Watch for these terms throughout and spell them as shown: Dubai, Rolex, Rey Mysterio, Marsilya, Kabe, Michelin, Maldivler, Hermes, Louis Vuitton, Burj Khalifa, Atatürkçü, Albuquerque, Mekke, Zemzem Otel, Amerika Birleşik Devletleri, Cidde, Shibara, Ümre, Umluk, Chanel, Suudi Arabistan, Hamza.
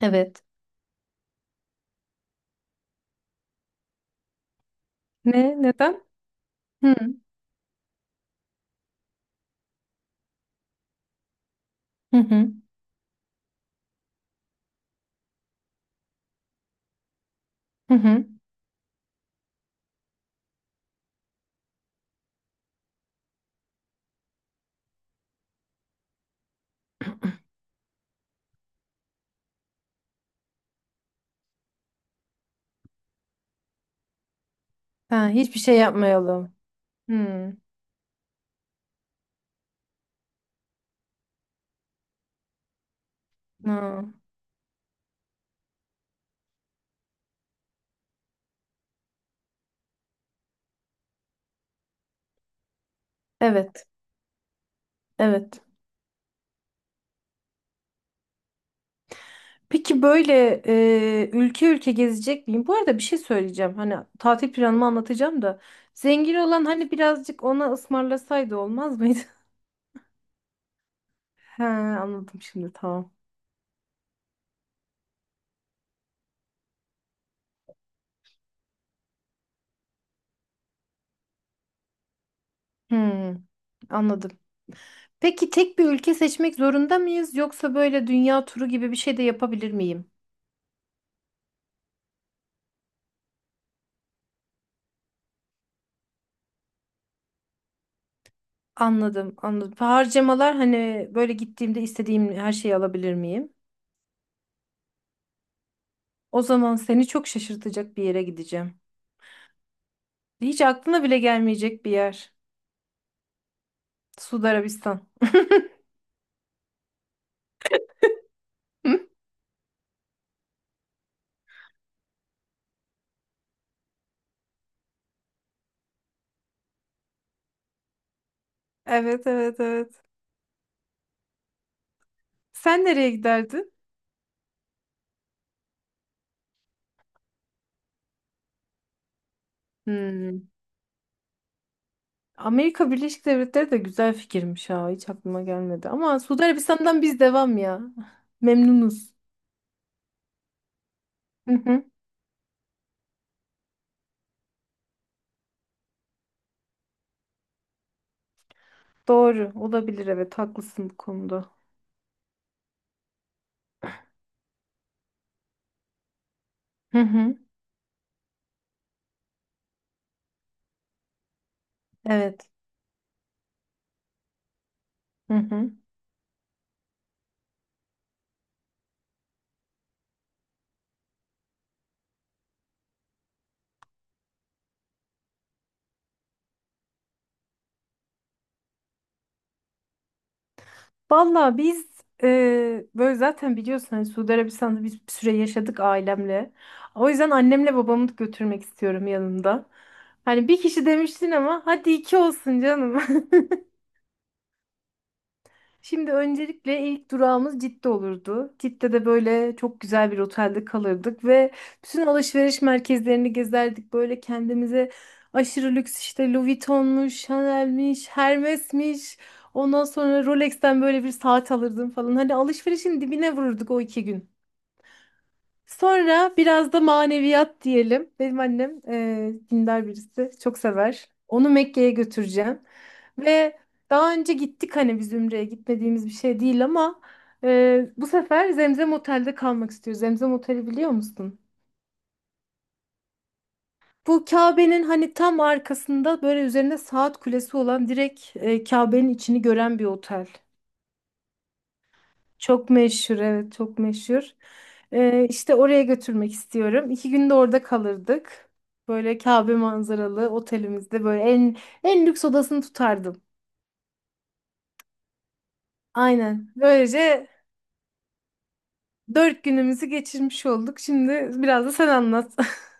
Evet. Ne? Neden? Hı hı hı. Hı hı. Ha, hiçbir şey yapmayalım. Hı. Ha. Evet. Evet. Peki böyle ülke ülke gezecek miyim? Bu arada bir şey söyleyeceğim. Hani tatil planımı anlatacağım da. Zengin olan hani birazcık ona ısmarlasaydı olmaz mıydı? He, anladım şimdi tamam. Hı. Anladım. Peki tek bir ülke seçmek zorunda mıyız yoksa böyle dünya turu gibi bir şey de yapabilir miyim? Anladım, anladım. Harcamalar hani böyle gittiğimde istediğim her şeyi alabilir miyim? O zaman seni çok şaşırtacak bir yere gideceğim. Hiç aklına bile gelmeyecek bir yer. Suudi Arabistan. Hı? Evet, evet, evet. Sen nereye giderdin? Hmm. Amerika Birleşik Devletleri de güzel fikirmiş ha. Hiç aklıma gelmedi. Ama Suudi Arabistan'dan biz devam ya. Memnunuz. Hı hı. Doğru. Olabilir evet. Haklısın bu konuda. Hı hı. Evet. Hı hı. Valla biz böyle zaten biliyorsun hani Suudi Arabistan'da biz bir süre yaşadık ailemle. O yüzden annemle babamı da götürmek istiyorum yanımda. Hani bir kişi demiştin ama hadi iki olsun canım. Şimdi öncelikle ilk durağımız Cidde olurdu. Cidde'de böyle çok güzel bir otelde kalırdık ve bütün alışveriş merkezlerini gezerdik. Böyle kendimize aşırı lüks işte Louis Vuitton'muş, Chanel'miş, Hermes'miş. Ondan sonra Rolex'ten böyle bir saat alırdım falan. Hani alışverişin dibine vururduk o 2 gün. Sonra biraz da maneviyat diyelim. Benim annem dindar birisi. Çok sever. Onu Mekke'ye götüreceğim. Ve daha önce gittik hani biz Ümre'ye gitmediğimiz bir şey değil ama bu sefer Zemzem Otel'de kalmak istiyoruz. Zemzem Otel'i biliyor musun? Bu Kabe'nin hani tam arkasında böyle üzerinde saat kulesi olan direkt Kabe'nin içini gören bir otel. Çok meşhur, evet, çok meşhur. E, işte oraya götürmek istiyorum. 2 günde orada kalırdık. Böyle Kabe manzaralı otelimizde böyle en lüks odasını tutardım. Aynen. Böylece 4 günümüzü geçirmiş olduk. Şimdi biraz da sen anlat.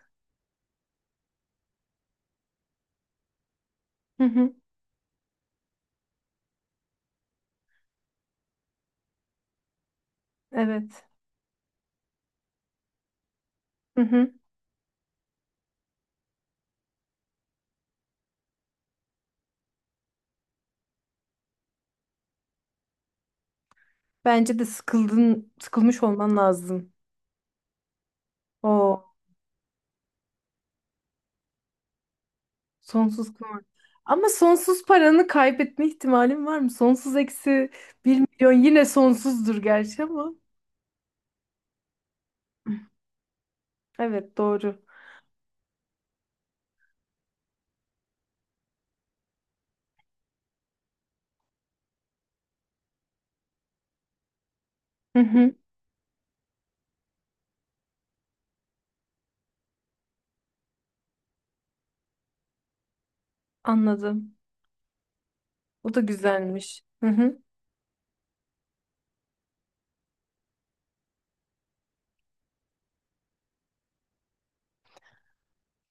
Hı hı, evet. Hı hı. Bence de sıkıldın, sıkılmış olman lazım. O sonsuz kumar. Ama sonsuz paranı kaybetme ihtimalin var mı? Sonsuz eksi 1 milyon yine sonsuzdur gerçi ama. Evet, doğru. Hı hı, anladım. O da güzelmiş. Hı hı.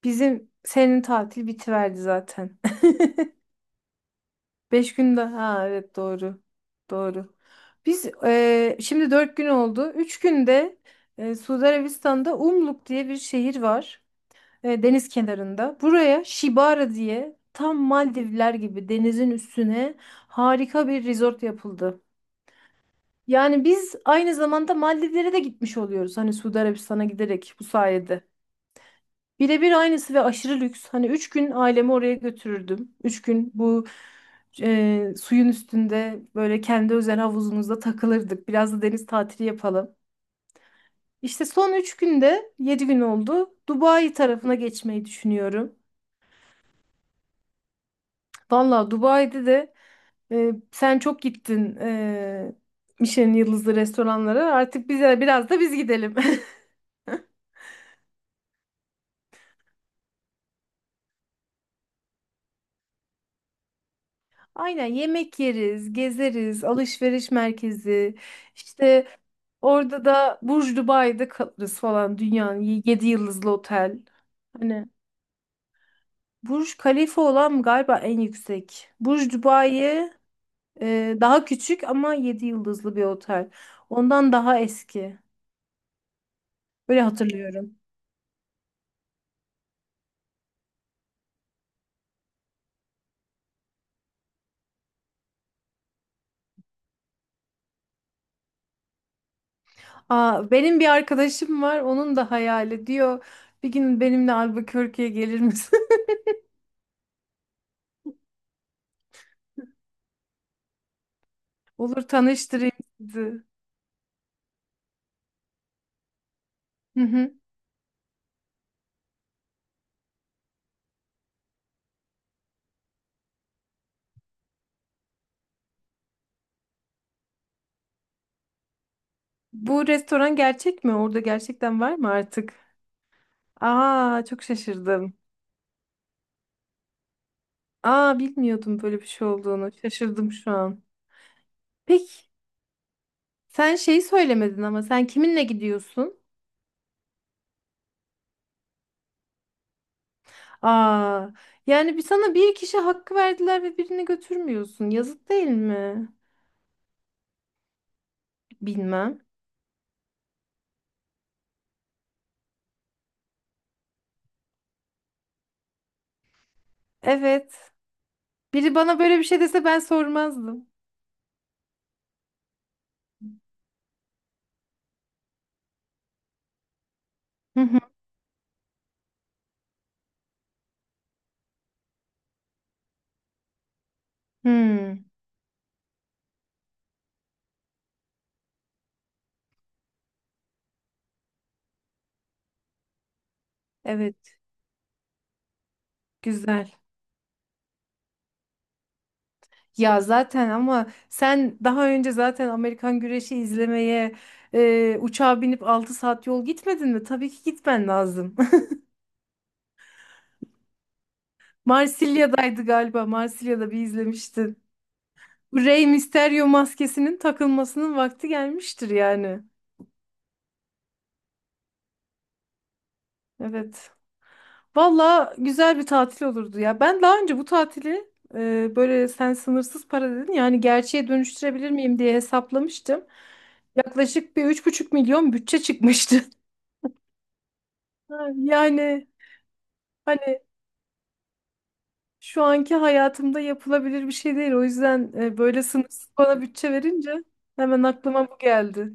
Bizim senin tatil bitiverdi zaten. 5 gün daha. Ha, evet, doğru. Doğru. Biz şimdi 4 gün oldu. 3 günde Suudi Arabistan'da Umluk diye bir şehir var. Deniz kenarında. Buraya Shibara diye tam Maldivler gibi denizin üstüne harika bir resort yapıldı. Yani biz aynı zamanda Maldivlere de gitmiş oluyoruz. Hani Suudi Arabistan'a giderek bu sayede. Birebir aynısı ve aşırı lüks. Hani 3 gün ailemi oraya götürürdüm. 3 gün bu suyun üstünde böyle kendi özel havuzumuzda takılırdık. Biraz da deniz tatili yapalım. İşte son 3 günde 7 gün oldu. Dubai tarafına geçmeyi düşünüyorum. Valla Dubai'de de sen çok gittin Michelin yıldızlı restoranlara. Artık bize biraz da biz gidelim. Aynen, yemek yeriz, gezeriz, alışveriş merkezi. İşte orada da Burj Dubai'de kalırız falan, dünyanın 7 yıldızlı otel. Hani Burj Khalifa olan galiba en yüksek. Burj Dubai daha küçük ama 7 yıldızlı bir otel. Ondan daha eski. Öyle hatırlıyorum. Aa, benim bir arkadaşım var. Onun da hayali diyor. Bir gün benimle Albuquerque'ye gelir misin? Olur, tanıştırayım sizi. Hı hı. Bu restoran gerçek mi? Orada gerçekten var mı artık? Aa, çok şaşırdım. Aa, bilmiyordum böyle bir şey olduğunu. Şaşırdım şu an. Peki sen şeyi söylemedin ama sen kiminle gidiyorsun? Aa, yani bir sana bir kişi hakkı verdiler ve birini götürmüyorsun. Yazık değil mi? Bilmem. Evet. Biri bana böyle bir şey dese ben sormazdım. Hı hı. Hmm, evet, güzel. Ya zaten ama sen daha önce zaten Amerikan güreşi izlemeye uçağa binip 6 saat yol gitmedin mi? Tabii ki gitmen lazım. Marsilya'daydı galiba. Marsilya'da bir izlemiştin. Rey Mysterio maskesinin takılmasının vakti gelmiştir yani. Evet. Valla güzel bir tatil olurdu ya. Ben daha önce bu tatili böyle sen sınırsız para dedin yani gerçeğe dönüştürebilir miyim diye hesaplamıştım. Yaklaşık bir 3,5 milyon bütçe çıkmıştı. Ha, yani hani şu anki hayatımda yapılabilir bir şey değil. O yüzden böyle sınırsız bana bütçe verince hemen aklıma bu geldi.